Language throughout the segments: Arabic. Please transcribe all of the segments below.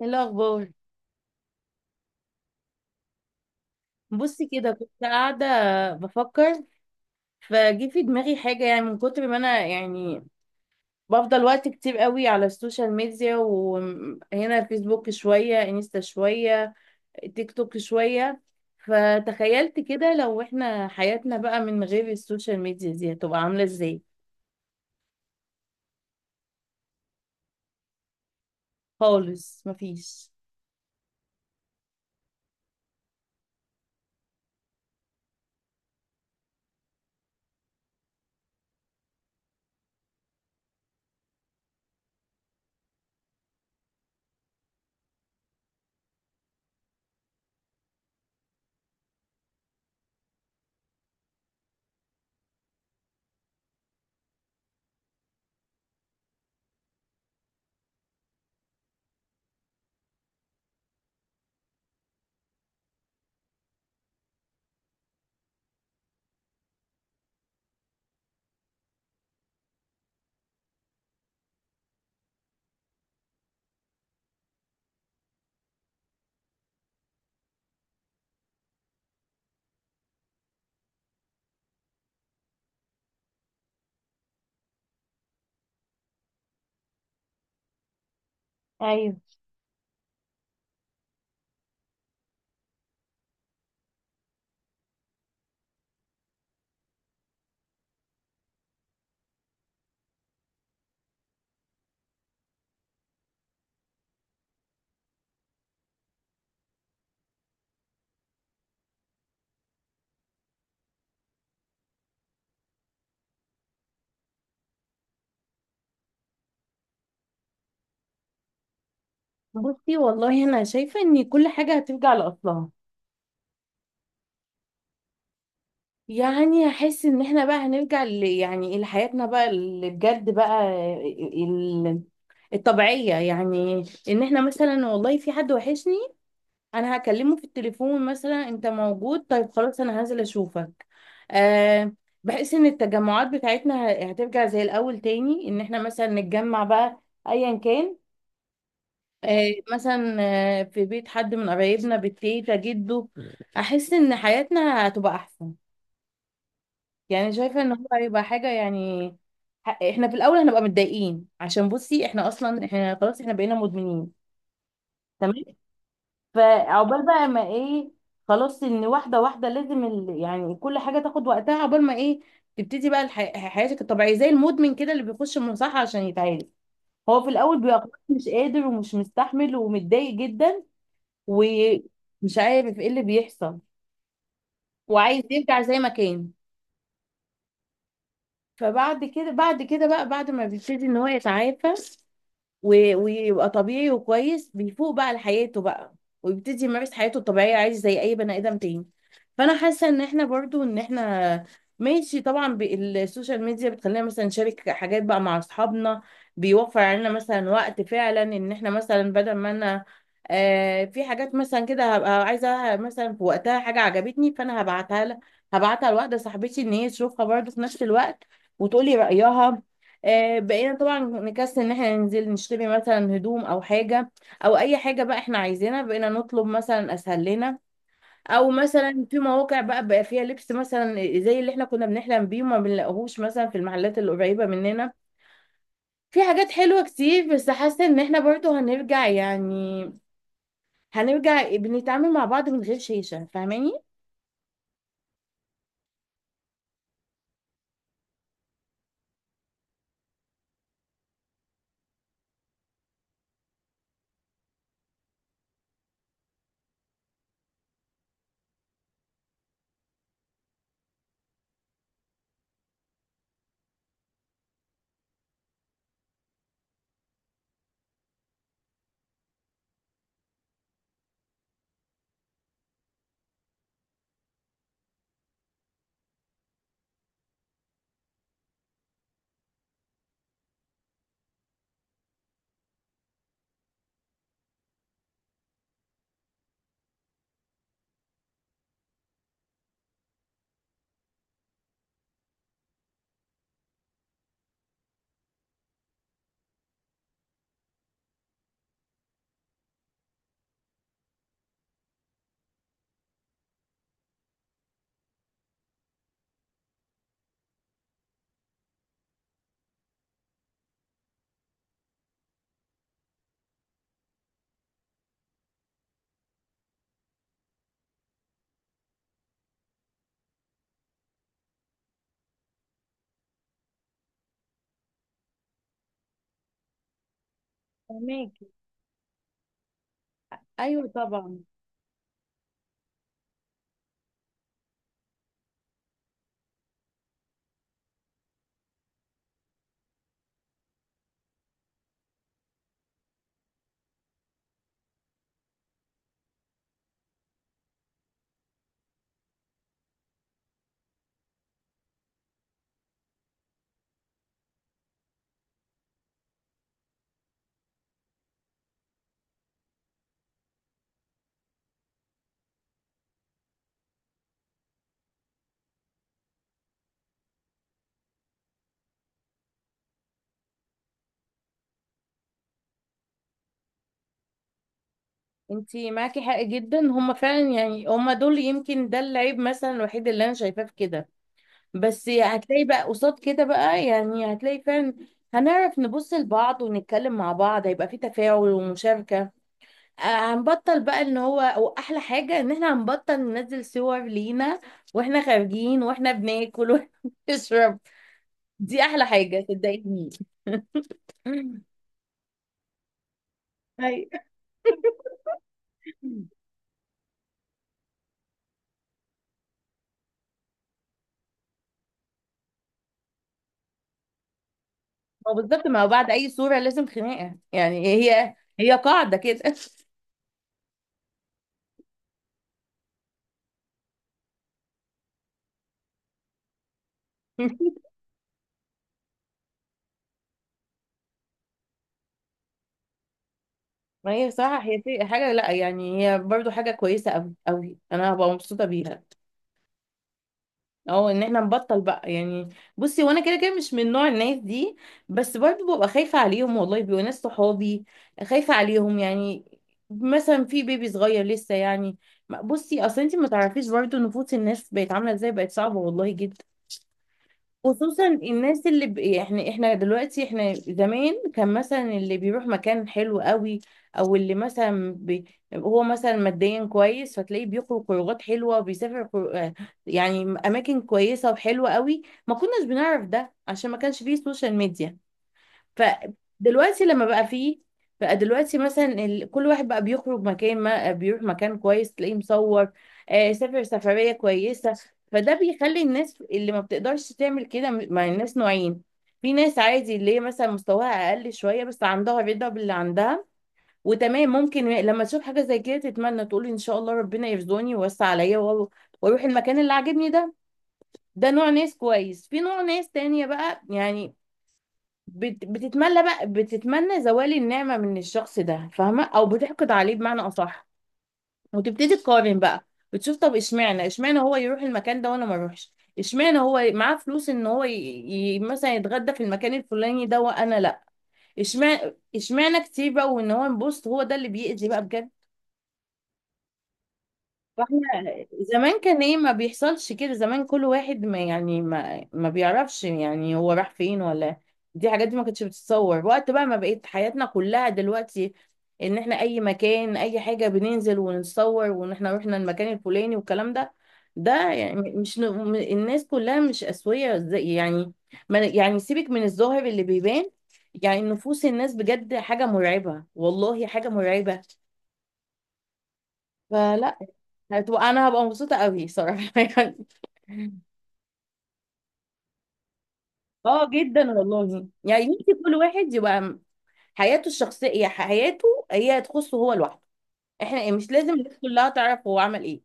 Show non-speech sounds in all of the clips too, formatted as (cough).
ايه الاخبار؟ بصي كده، كنت قاعده بفكر. فجي في دماغي حاجه، يعني من كتر ما انا يعني بفضل وقت كتير قوي على السوشيال ميديا، وهنا فيسبوك شويه، انستا شويه، تيك توك شويه. فتخيلت كده لو احنا حياتنا بقى من غير السوشيال ميديا دي، هتبقى عامله ازاي. خالص مفيش. ايوه. بصي والله، انا شايفه ان كل حاجه هترجع لاصلها. يعني هحس ان احنا بقى هنرجع يعني لحياتنا بقى اللي بجد بقى، ال... الطبيعية يعني. ان احنا مثلا والله في حد وحشني، انا هكلمه في التليفون مثلا، انت موجود؟ طيب خلاص انا هنزل اشوفك. أه. بحس ان التجمعات بتاعتنا هترجع زي الاول تاني، ان احنا مثلا نتجمع بقى ايا كان. أه، مثلا في بيت حد من قرايبنا، بالتيتا، جده. احس ان حياتنا هتبقى احسن، يعني شايفة ان هو هيبقى حاجة يعني. احنا في الاول هنبقى متضايقين، عشان بصي احنا اصلا احنا خلاص احنا بقينا مدمنين. تمام. فعقبال بقى ما ايه، خلاص، ان واحدة واحدة لازم يعني كل حاجة تاخد وقتها، عقبال ما ايه تبتدي بقى حياتك الطبيعية. زي المدمن كده اللي بيخش المصحة عشان يتعالج، هو في الاول بيبقى خلاص مش قادر ومش مستحمل ومتضايق جدا، ومش عارف ايه اللي بيحصل، وعايز يرجع زي ما كان. فبعد كده بعد كده بقى بعد ما بيبتدي ان هو يتعافى ويبقى طبيعي وكويس، بيفوق بقى لحياته بقى، ويبتدي يمارس حياته الطبيعية عادي زي أي بني آدم تاني. فأنا حاسة إن إحنا برضو، إن إحنا ماشي، طبعا بالسوشيال ميديا بتخلينا مثلا نشارك حاجات بقى مع أصحابنا، بيوفر علينا مثلا وقت فعلا، إن إحنا مثلا بدل ما أنا في حاجات مثلا كده هبقى عايزة، مثلا في وقتها حاجة عجبتني فأنا هبعتها لها، هبعتها لواحدة صاحبتي إن هي تشوفها برضو في نفس الوقت وتقولي رأيها. بقينا طبعا نكسل ان احنا ننزل نشتري مثلا هدوم او حاجة، او اي حاجة بقى احنا عايزينها، بقينا نطلب مثلا، اسهل لنا. او مثلا في مواقع بقى فيها لبس مثلا زي اللي احنا كنا بنحلم بيه وما بنلاقيهوش مثلا في المحلات اللي قريبة مننا. في حاجات حلوة كتير، بس حاسة ان احنا برضو هنرجع، يعني هنرجع بنتعامل مع بعض من غير شيشة. فاهماني؟ فهماكي. ايوه طبعا. انتي معاكي حق جدا، هما فعلا يعني هما دول يمكن ده العيب مثلا الوحيد اللي انا شايفاه في كده. بس هتلاقي بقى قصاد كده بقى يعني هتلاقي فعلا هنعرف نبص لبعض ونتكلم مع بعض، هيبقى في تفاعل ومشاركة. هنبطل بقى ان هو، واحلى حاجة ان احنا هنبطل ننزل صور لينا واحنا خارجين، واحنا بناكل، واحنا (laughs) بنشرب. دي احلى حاجة، صدقيني. أيوة. (laughs) ما هو بالظبط، ما هو بعد اي صورة لازم خناقة، يعني هي، هي قاعدة كده. (laughs) ما هي صراحة هي حاجة، لا يعني هي برضو حاجة كويسة أوي أوي، أنا هبقى مبسوطة بيها. اه، ان احنا نبطل بقى يعني. بصي، وانا كده كده مش من نوع الناس دي، بس برضه ببقى خايفة عليهم والله، بيبقوا ناس صحابي، خايفة عليهم يعني، مثلا في بيبي صغير لسه يعني. بصي اصل انت ما تعرفيش برضه، نفوس الناس بقت عاملة ازاي، بقت صعبة والله. خصوصا الناس احنا دلوقتي، احنا زمان كان مثلا اللي بيروح مكان حلو قوي، او اللي هو مثلا ماديا كويس، فتلاقيه بيخرج خروجات حلوه وبيسافر خر... آه، يعني اماكن كويسه وحلوه قوي. ما كناش بنعرف ده عشان ما كانش فيه سوشيال ميديا. فدلوقتي لما بقى فيه، بقى دلوقتي مثلا كل واحد بقى بيخرج مكان ما، بيروح مكان كويس تلاقيه مصور، سافر سفرية كويسة. فده بيخلي الناس اللي ما بتقدرش تعمل كده مع الناس نوعين. في ناس عادي اللي هي مثلا مستواها أقل شوية، بس عندها رضا باللي عندها وتمام، ممكن لما تشوف حاجة زي كده تتمنى، تقول إن شاء الله ربنا يرزقني ويوسع عليا وأروح المكان اللي عاجبني ده. ده نوع ناس كويس. في نوع ناس تانية بقى يعني بتتملى بقى، بتتمنى زوال النعمة من الشخص ده، فاهمة؟ او بتحقد عليه بمعنى اصح، وتبتدي تقارن بقى، بتشوف، طب اشمعنى، اشمعنى هو يروح المكان ده وانا ما اروحش، اشمعنى هو معاه فلوس ان هو مثلا يتغدى في المكان الفلاني ده وانا لا. اشمعنى، اشمعنى كتير بقى، وان هو بص، هو ده اللي بيأذي بقى بجد. فاحنا زمان كان ايه، ما بيحصلش كده. زمان كل واحد ما يعني ما بيعرفش يعني هو راح فين ولا. دي حاجات دي ما كانتش بتتصور. وقت بقى ما بقيت حياتنا كلها دلوقتي ان احنا اي مكان، اي حاجة، بننزل ونتصور، وان احنا رحنا المكان الفلاني والكلام ده. ده يعني مش الناس كلها مش اسوية زي يعني، ما يعني سيبك من الظاهر اللي بيبان. يعني نفوس الناس بجد حاجة مرعبة والله، حاجة مرعبة. فلا، هتبقى، انا هبقى مبسوطه قوي صراحه (laughs) يعني. اه جدا والله، يعني يمكن كل واحد يبقى حياته الشخصيه، حياته هي تخصه هو لوحده، احنا مش لازم الناس كلها تعرف هو عمل ايه.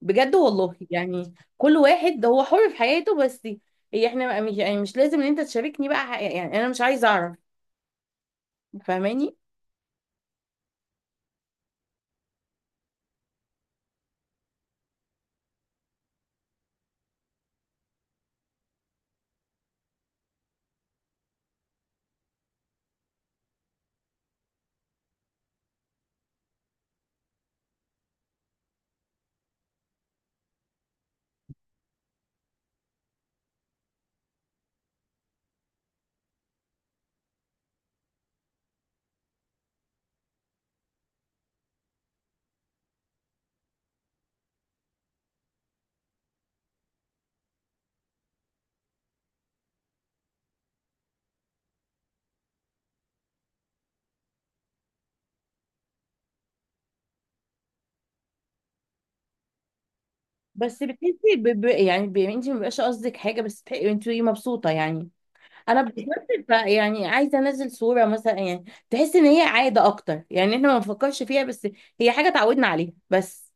بجد والله يعني كل واحد، ده هو حر في حياته بس. هي احنا بقى مش يعني مش لازم ان انت تشاركني بقى، يعني انا مش عايزه اعرف. فاهماني؟ بس بتحسي انت ما بيبقاش قصدك حاجه بس انت مبسوطه يعني. انا بالظبط. يعني عايزه انزل صوره مثلا يعني، تحس ان هي عاده اكتر، يعني احنا ما بنفكرش فيها، بس هي حاجه اتعودنا عليها بس.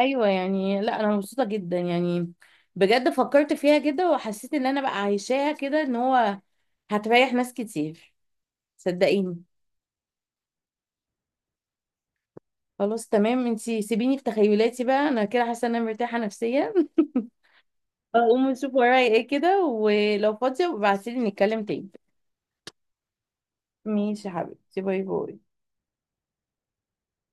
ايوه يعني. لا انا مبسوطه جدا يعني، بجد فكرت فيها كده وحسيت ان انا بقى عايشاها كده، ان هو هتريح ناس كتير، صدقيني. خلاص تمام، انتي سيبيني في تخيلاتي بقى، انا كده حاسه ان انا مرتاحه نفسيا. (laughs) اقوم اشوف ورايا ايه كده، ولو فاضيه ابعتيلي نتكلم تاني. ماشي يا حبيبتي، باي باي.